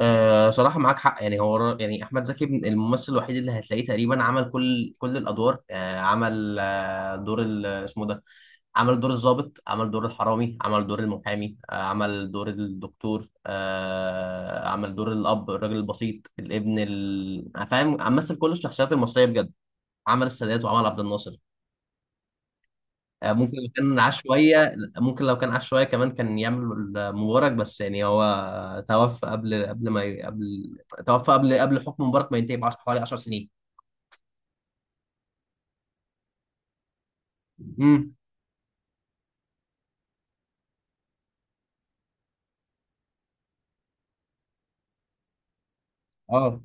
صراحة معاك حق. يعني هو يعني أحمد زكي الممثل الوحيد اللي هتلاقيه تقريبا عمل كل الأدوار، عمل دور اسمه ده، عمل دور الضابط، عمل دور الحرامي، عمل دور المحامي، عمل دور الدكتور، عمل دور الأب الراجل البسيط الابن فاهم، مثل كل الشخصيات المصرية بجد. عمل السادات وعمل عبد الناصر. ممكن لو كان عاش شوية، كمان كان يعمل مبارك. بس يعني هو توفى قبل ما ي- قبل، توفى قبل حكم مبارك ما ينتهي بعشر، حوالي 10 سنين. امم اه.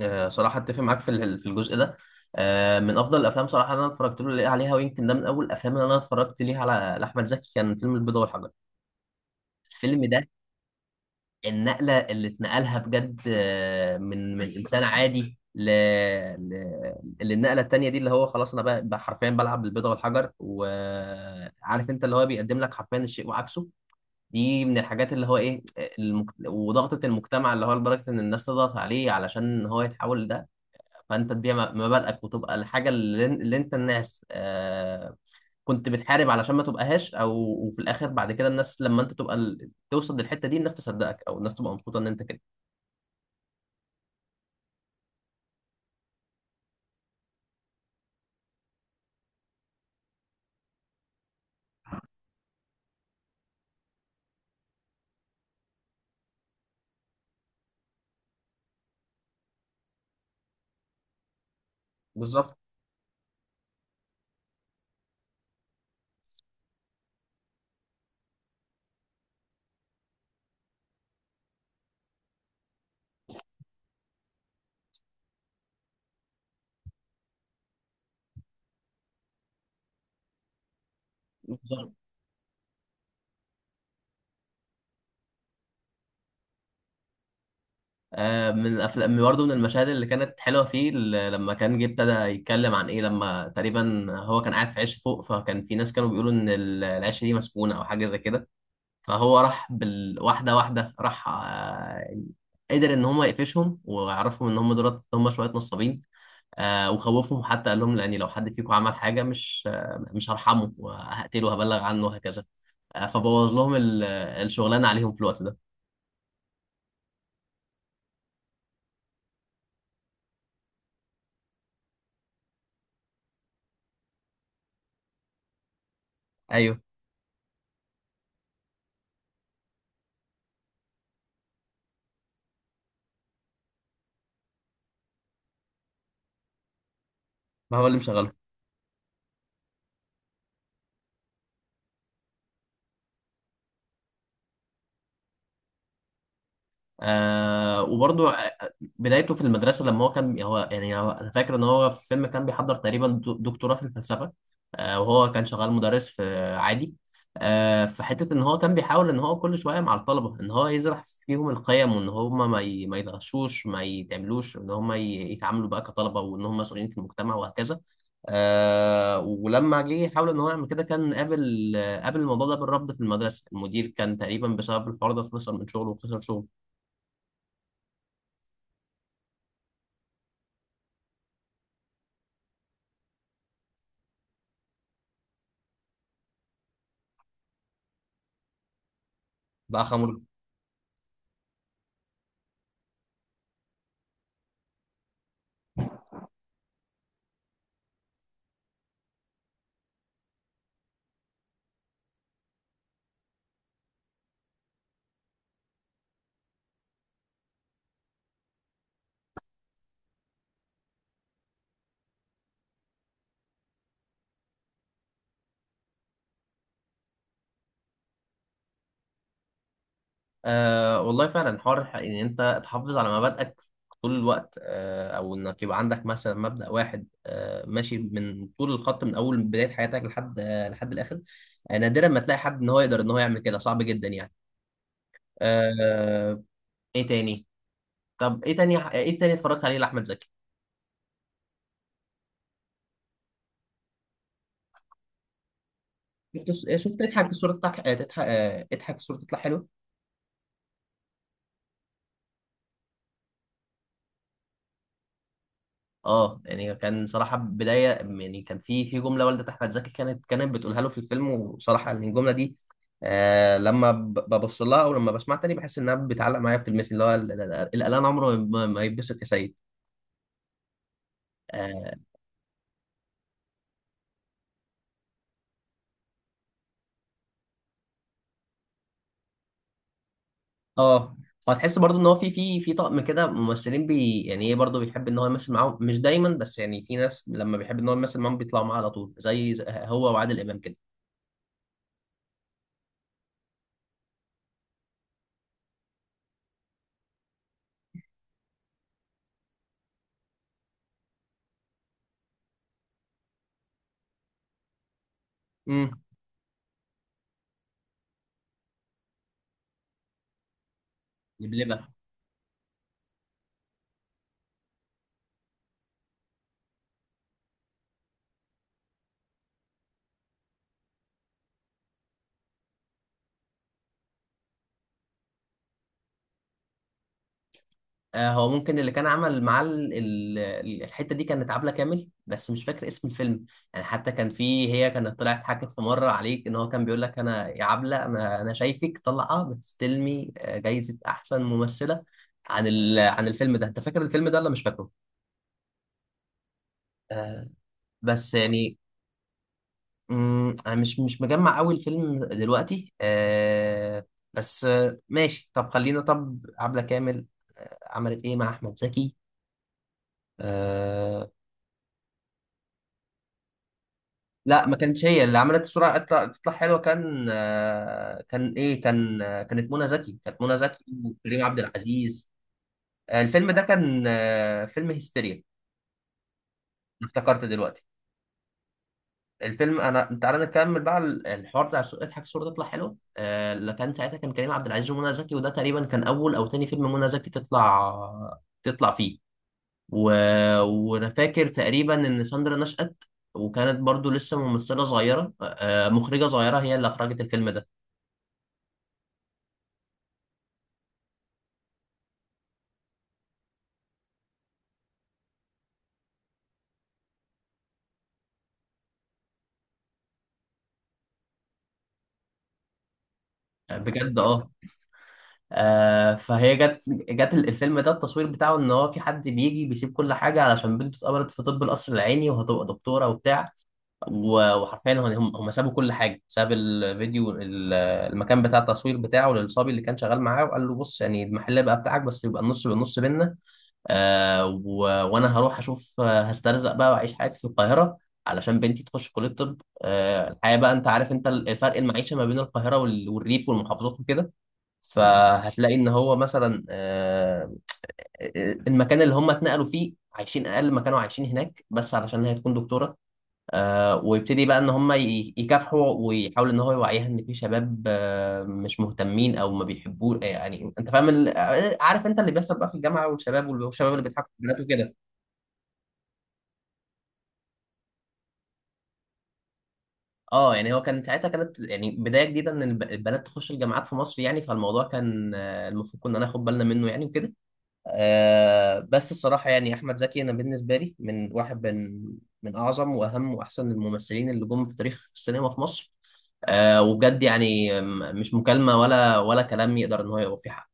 صراحة اتفق معاك في في الجزء ده. آه، من افضل الافلام صراحة اللي انا اتفرجت له عليها، ويمكن ده من اول الافلام اللي انا اتفرجت ليها على على احمد زكي كان فيلم البيضة والحجر. الفيلم ده النقلة اللي اتنقلها بجد، آه، من إنسان عادي ل... ل... للنقلة التانية دي، اللي هو خلاص أنا بقى حرفيا بلعب بالبيضة والحجر، وعارف أنت اللي هو بيقدم لك حرفيا الشيء وعكسه. دي من الحاجات اللي هو إيه، وضغطة المجتمع، اللي هو لدرجة إن الناس تضغط عليه علشان هو يتحول لده. فأنت تبيع مبادئك وتبقى الحاجة اللي أنت الناس، آه، كنت بتحارب علشان ما تبقاهاش. أو وفي الآخر بعد كده الناس لما أنت تبقى توصل للحته دي، الناس تصدقك او الناس تبقى مبسوطه ان انت كده. بالظبط. بالظبط. آه، من افلام برضه، من المشاهد اللي كانت حلوه فيه لما كان جه ابتدى يتكلم عن ايه، لما تقريبا هو كان قاعد في عش فوق، فكان في ناس كانوا بيقولوا ان العش دي مسكونه او حاجه زي كده. فهو راح بالواحده واحده، راح آه، قدر ان هم يقفشهم ويعرفهم ان هم دولت هم شويه نصابين. آه، وخوفهم حتى، قال لهم لاني لو حد فيكم عمل حاجه مش هرحمه وهقتله وهبلغ عنه وهكذا. آه، فبوظ لهم الشغلانه عليهم في الوقت ده. ايوه، ما هو اللي مشغلهم. آه وبرضه بدايته في المدرسة. لما هو كان هو أنا فاكر إن هاه في الفيلم كان بيحضر تقريبا دكتوراه في الفلسفة. آه، وهو كان شغال مدرس في عادي. آه، في حتة إن هو كان بيحاول إن هو كل شوية مع الطلبة إن هو يزرع فيهم القيم، وإن هما ما يتغشوش، ما يتعملوش، إن هما يتعاملوا بقى كطلبة، وإن هما مسؤولين في المجتمع وهكذا. آه، ولما جه يحاول ان هو يعمل كده كان قابل، قابل الموضوع ده بالرفض في المدرسه. المدير كان تقريبا بسبب الحوار ده خسر من شغله وخسر شغله. بقى خمر. آه والله فعلا حوار ان انت تحافظ على مبادئك طول الوقت، آه، او انك يبقى عندك مثلا مبدأ واحد آه ماشي من طول الخط من اول بداية حياتك لحد آه لحد الاخر. آه، نادرا ما تلاقي حد ان هو يقدر ان هو يعمل كده، صعب جدا يعني. آه. ايه تاني؟ طب ايه تاني؟ ايه تاني اتفرجت عليه لاحمد زكي؟ شفت شفت اضحك الصورة تضحك، تضحك، اضحك الصورة تطلع حلوة. اه، يعني كان صراحة بداية، يعني كان في في جملة والدة أحمد زكي كانت بتقولها له في الفيلم، وصراحة يعني الجملة دي آه، لما ببص لها أو لما بسمعها تاني بحس إنها بتعلق معايا، بتلمسني، اللي هو الإعلان عمره ما ما يتبسط يا سيد. اه. آه. وهتحس برضو إن هو في طقم كده ممثلين بي يعني إيه، برضو بيحب إن هو يمثل معاهم، مش دايما بس يعني في ناس لما بيحب إن هو يمثل معاهم بيطلعوا معاه على طول، زي هو وعادل إمام كده. امم آه، هو ممكن اللي كان عمل معاه الحته دي كانت عبله كامل، بس مش فاكر اسم الفيلم. يعني حتى كان في، هي كانت طلعت حكت في مره عليك ان هو كان بيقول لك انا يا عبله، انا شايفك طالعه بتستلمي آه، جايزه احسن ممثله عن عن الفيلم ده. انت فاكر الفيلم ده ولا مش فاكره؟ آه، بس يعني انا مش مجمع قوي الفيلم دلوقتي، آه، بس آه، ماشي. طب خلينا، طب عبله كامل عملت ايه مع احمد زكي؟ آه، لا ما كانتش هي اللي عملت الصورة تطلع حلوة. كان آه، كان إيه كان آه، كانت منى زكي، كانت منى زكي وكريم عبد العزيز. آه، الفيلم ده كان آه، فيلم هيستيريا. افتكرت دلوقتي الفيلم. أنا تعالى نكمل بقى الحوار بتاع الصورة، اضحك الصورة تطلع حلوة، آه، اللي كان ساعتها كان كريم عبد العزيز ومنى زكي. وده تقريبا كان أول أو تاني فيلم منى زكي تطلع فيه. و... وأنا فاكر تقريبا إن ساندرا نشأت، وكانت برضو لسه ممثلة صغيرة آه، مخرجة صغيرة، هي اللي أخرجت الفيلم ده. بجد اه. آه، فهي جت، جت الفيلم ده التصوير بتاعه ان هو في حد بيجي بيسيب كل حاجه علشان بنته اتقبلت في طب القصر العيني وهتبقى دكتوره وبتاع. وحرفيا هم سابوا كل حاجه، ساب الفيديو المكان بتاع التصوير بتاعه للصبي اللي كان شغال معاه، وقال له بص يعني المحل بقى بتاعك، بس يبقى النص بالنص بينا، آه، وانا هروح اشوف آه، هسترزق بقى واعيش حياتي في القاهره علشان بنتي تخش كليه طب، آه، الحياه بقى انت عارف انت الفرق المعيشه ما بين القاهره والريف والمحافظات وكده. فهتلاقي ان هو مثلا آه، المكان اللي هم اتنقلوا فيه عايشين اقل ما كانوا عايشين هناك، بس علشان هي تكون دكتوره. آه، ويبتدي بقى ان هم يكافحوا، ويحاول ان هو يوعيها ان في شباب آه، مش مهتمين او ما بيحبوه آه، يعني انت فاهم عارف انت اللي بيحصل بقى في الجامعه والشباب، والشباب اللي بيضحكوا في البنات وكده. اه، يعني هو كان ساعتها كانت يعني بدايه جديده ان البنات تخش الجامعات في مصر، يعني فالموضوع كان آه، المفروض كنا ناخد بالنا منه يعني وكده. آه، بس الصراحة يعني أحمد زكي أنا بالنسبة لي من واحد من من أعظم وأهم وأحسن الممثلين اللي جم في تاريخ السينما في مصر. آه وبجد يعني مش مكالمة ولا كلام يقدر إن هو يوفي حق.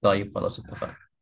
طيب خلاص اتفقنا.